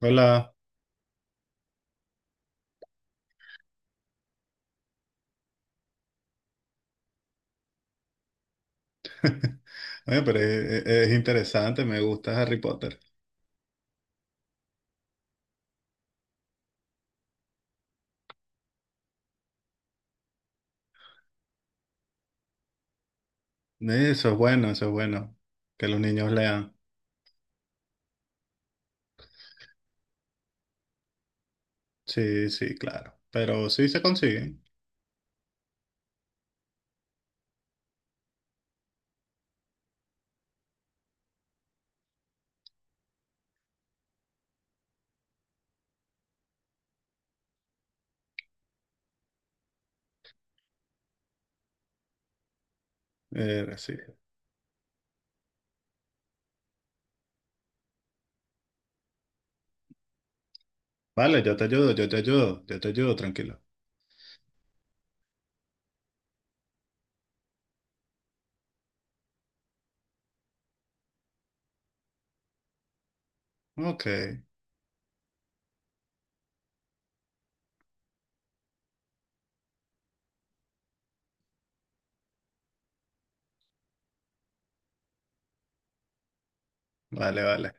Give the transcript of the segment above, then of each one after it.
Hola. Oye, pero es interesante, me gusta Harry Potter. Eso es bueno, eso es bueno. Que los niños lean. Sí, sí, claro. Pero sí se consiguen. Sí. Vale, yo te ayudo, yo te ayudo, yo te ayudo, tranquilo. Ok, vale, vale.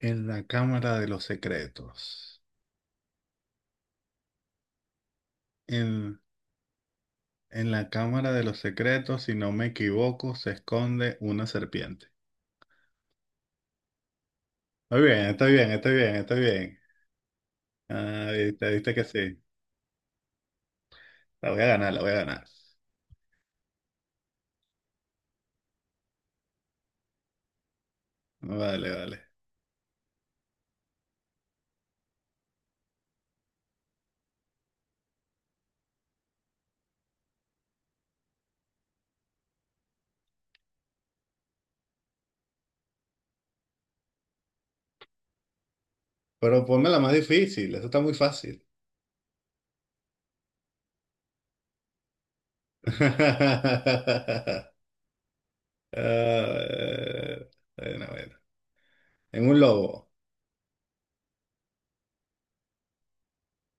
En la Cámara de los Secretos. En, en la Cámara de los Secretos, si no me equivoco, se esconde una serpiente. Está bien, está bien, está bien, está bien. Ah, viste, viste que sí. La voy a ganar, la voy a ganar. Vale, vale. Pero ponme la más difícil, eso está muy fácil. Ah. Bueno, bueno. En un lobo,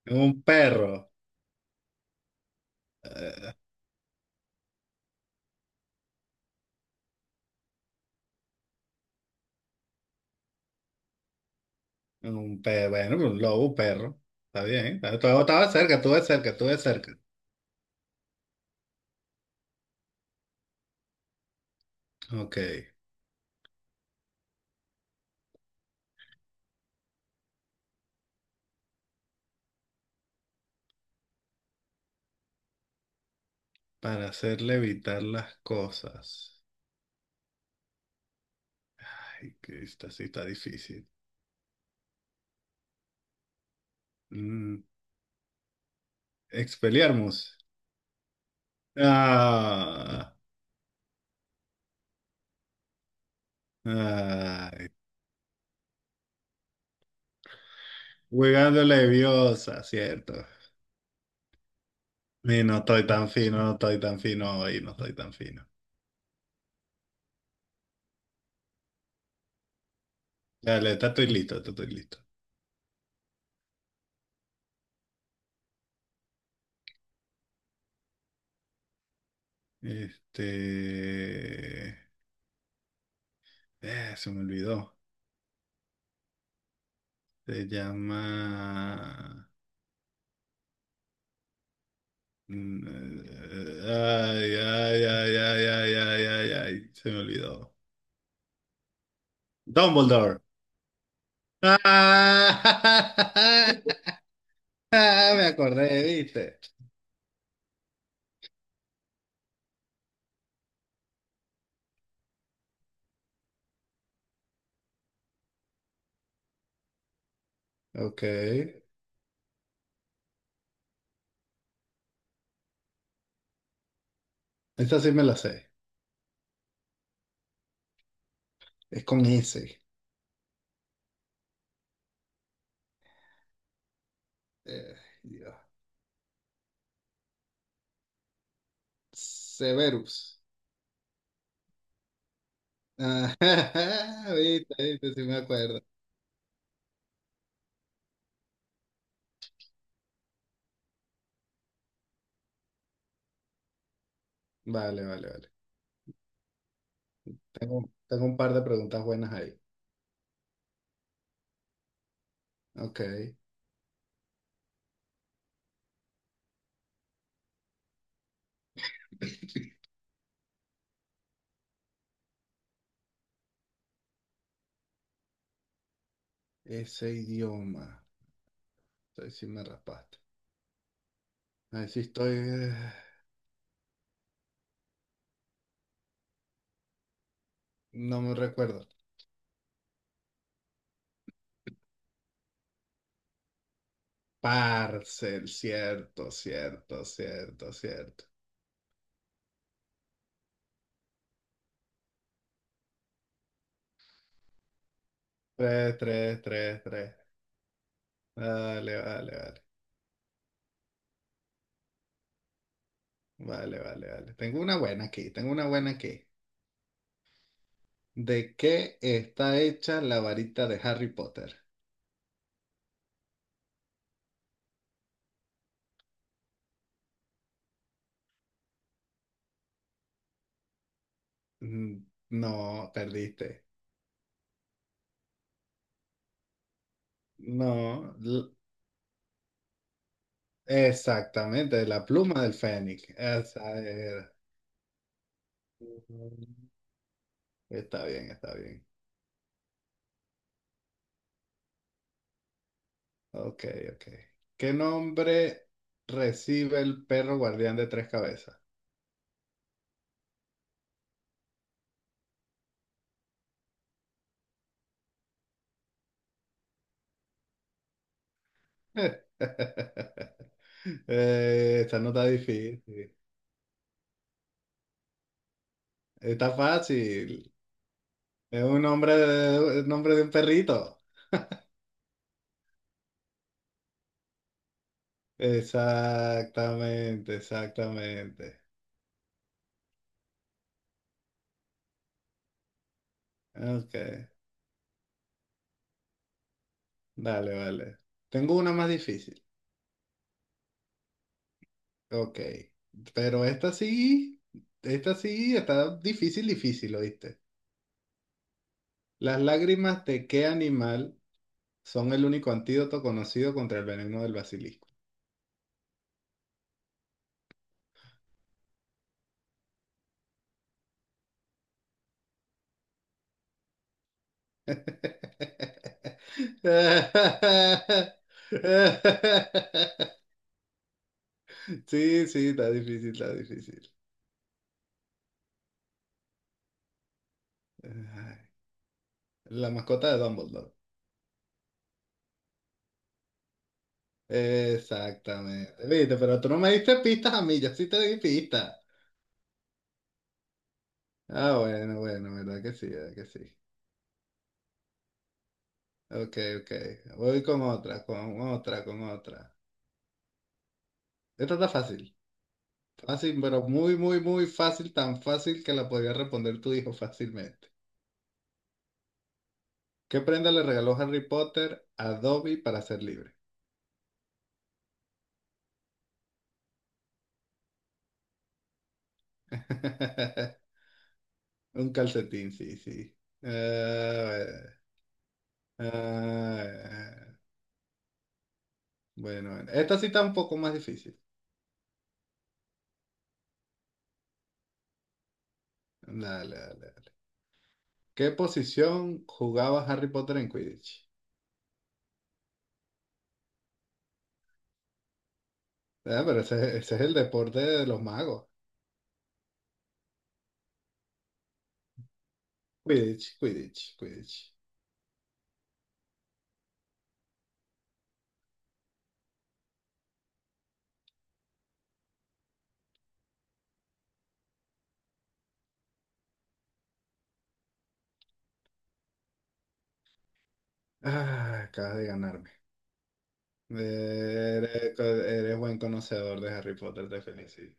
en un perro, en un perro, bueno, un lobo, un perro. Está bien, estaba cerca, estuve cerca, estuve cerca. Ok, para hacer levitar las cosas. Ay, que esta sí está difícil. Mm, Expelliarmus. Ah, ay, Wingardium Leviosa, cierto. Y no estoy tan fino, no estoy tan fino hoy, no estoy tan fino. Dale, está estoy listo, está estoy listo. Este... se me olvidó. Se llama... mm, ay, ay, ay, ay, ay, ay, ay, ay. Se me olvidó. Dumbledore. ¡Ah! Me acordé, ¿viste? Ok. Esta sí me la sé. Es con ese. Eh, Dios. Severus. Ah, viste, viste, sí me acuerdo. Vale, vale, vale. Tengo un par de preguntas buenas ahí. Ok. Ese idioma. Ahí sí me raspaste. Ahí sí estoy. No me recuerdo. Parcel, cierto, cierto, cierto, cierto. Tres, tres, tres, tres. Vale, vale, vale. Vale, vale, vale. Tengo una buena aquí, tengo una buena aquí. ¿De qué está hecha la varita de Harry Potter? Mm. No, perdiste. No, l- Exactamente, la pluma del fénix. Esa era. Está bien, está bien. Ok, ok. ¿Qué nombre recibe el perro guardián de tres cabezas? Esta no está difícil. Está fácil. Es un nombre de, el nombre de un perrito. Exactamente, exactamente. Ok, dale, vale. Tengo una más difícil. Ok. Pero esta sí está difícil, difícil, ¿oíste? Las lágrimas de qué animal son el único antídoto conocido contra el veneno del basilisco. Sí, sí, está difícil, está difícil. Ay, la mascota de Dumbledore. Exactamente. Viste, pero tú no me diste pistas a mí, yo sí te di pistas. Ah, bueno, bueno, verdad que sí, verdad que sí. Ok, ok. Voy con otra, con otra, con otra. Esta está fácil. Fácil, pero muy, muy, muy fácil. Tan fácil que la podría responder tu hijo fácilmente. ¿Qué prenda le regaló Harry Potter a Dobby para ser libre? Un calcetín, sí, sí. Eh, eh, bueno, bueno. Esta sí está un poco más difícil. Dale, dale, dale. ¿Qué posición jugaba Harry Potter en Quidditch? Ah, pero ese es el deporte de los magos. Quidditch, Quidditch, Quidditch. Ah, acabas de ganarme. Eres, co- Eres buen conocedor de Harry Potter, te felicito.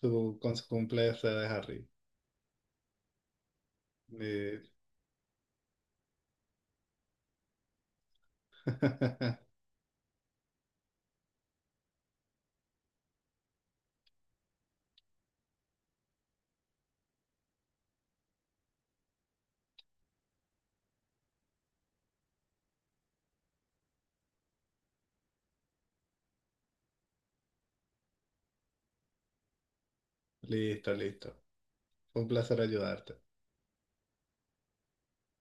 Tu con su cumpleaños de Harry. Eh, Listo, listo. Fue un placer ayudarte.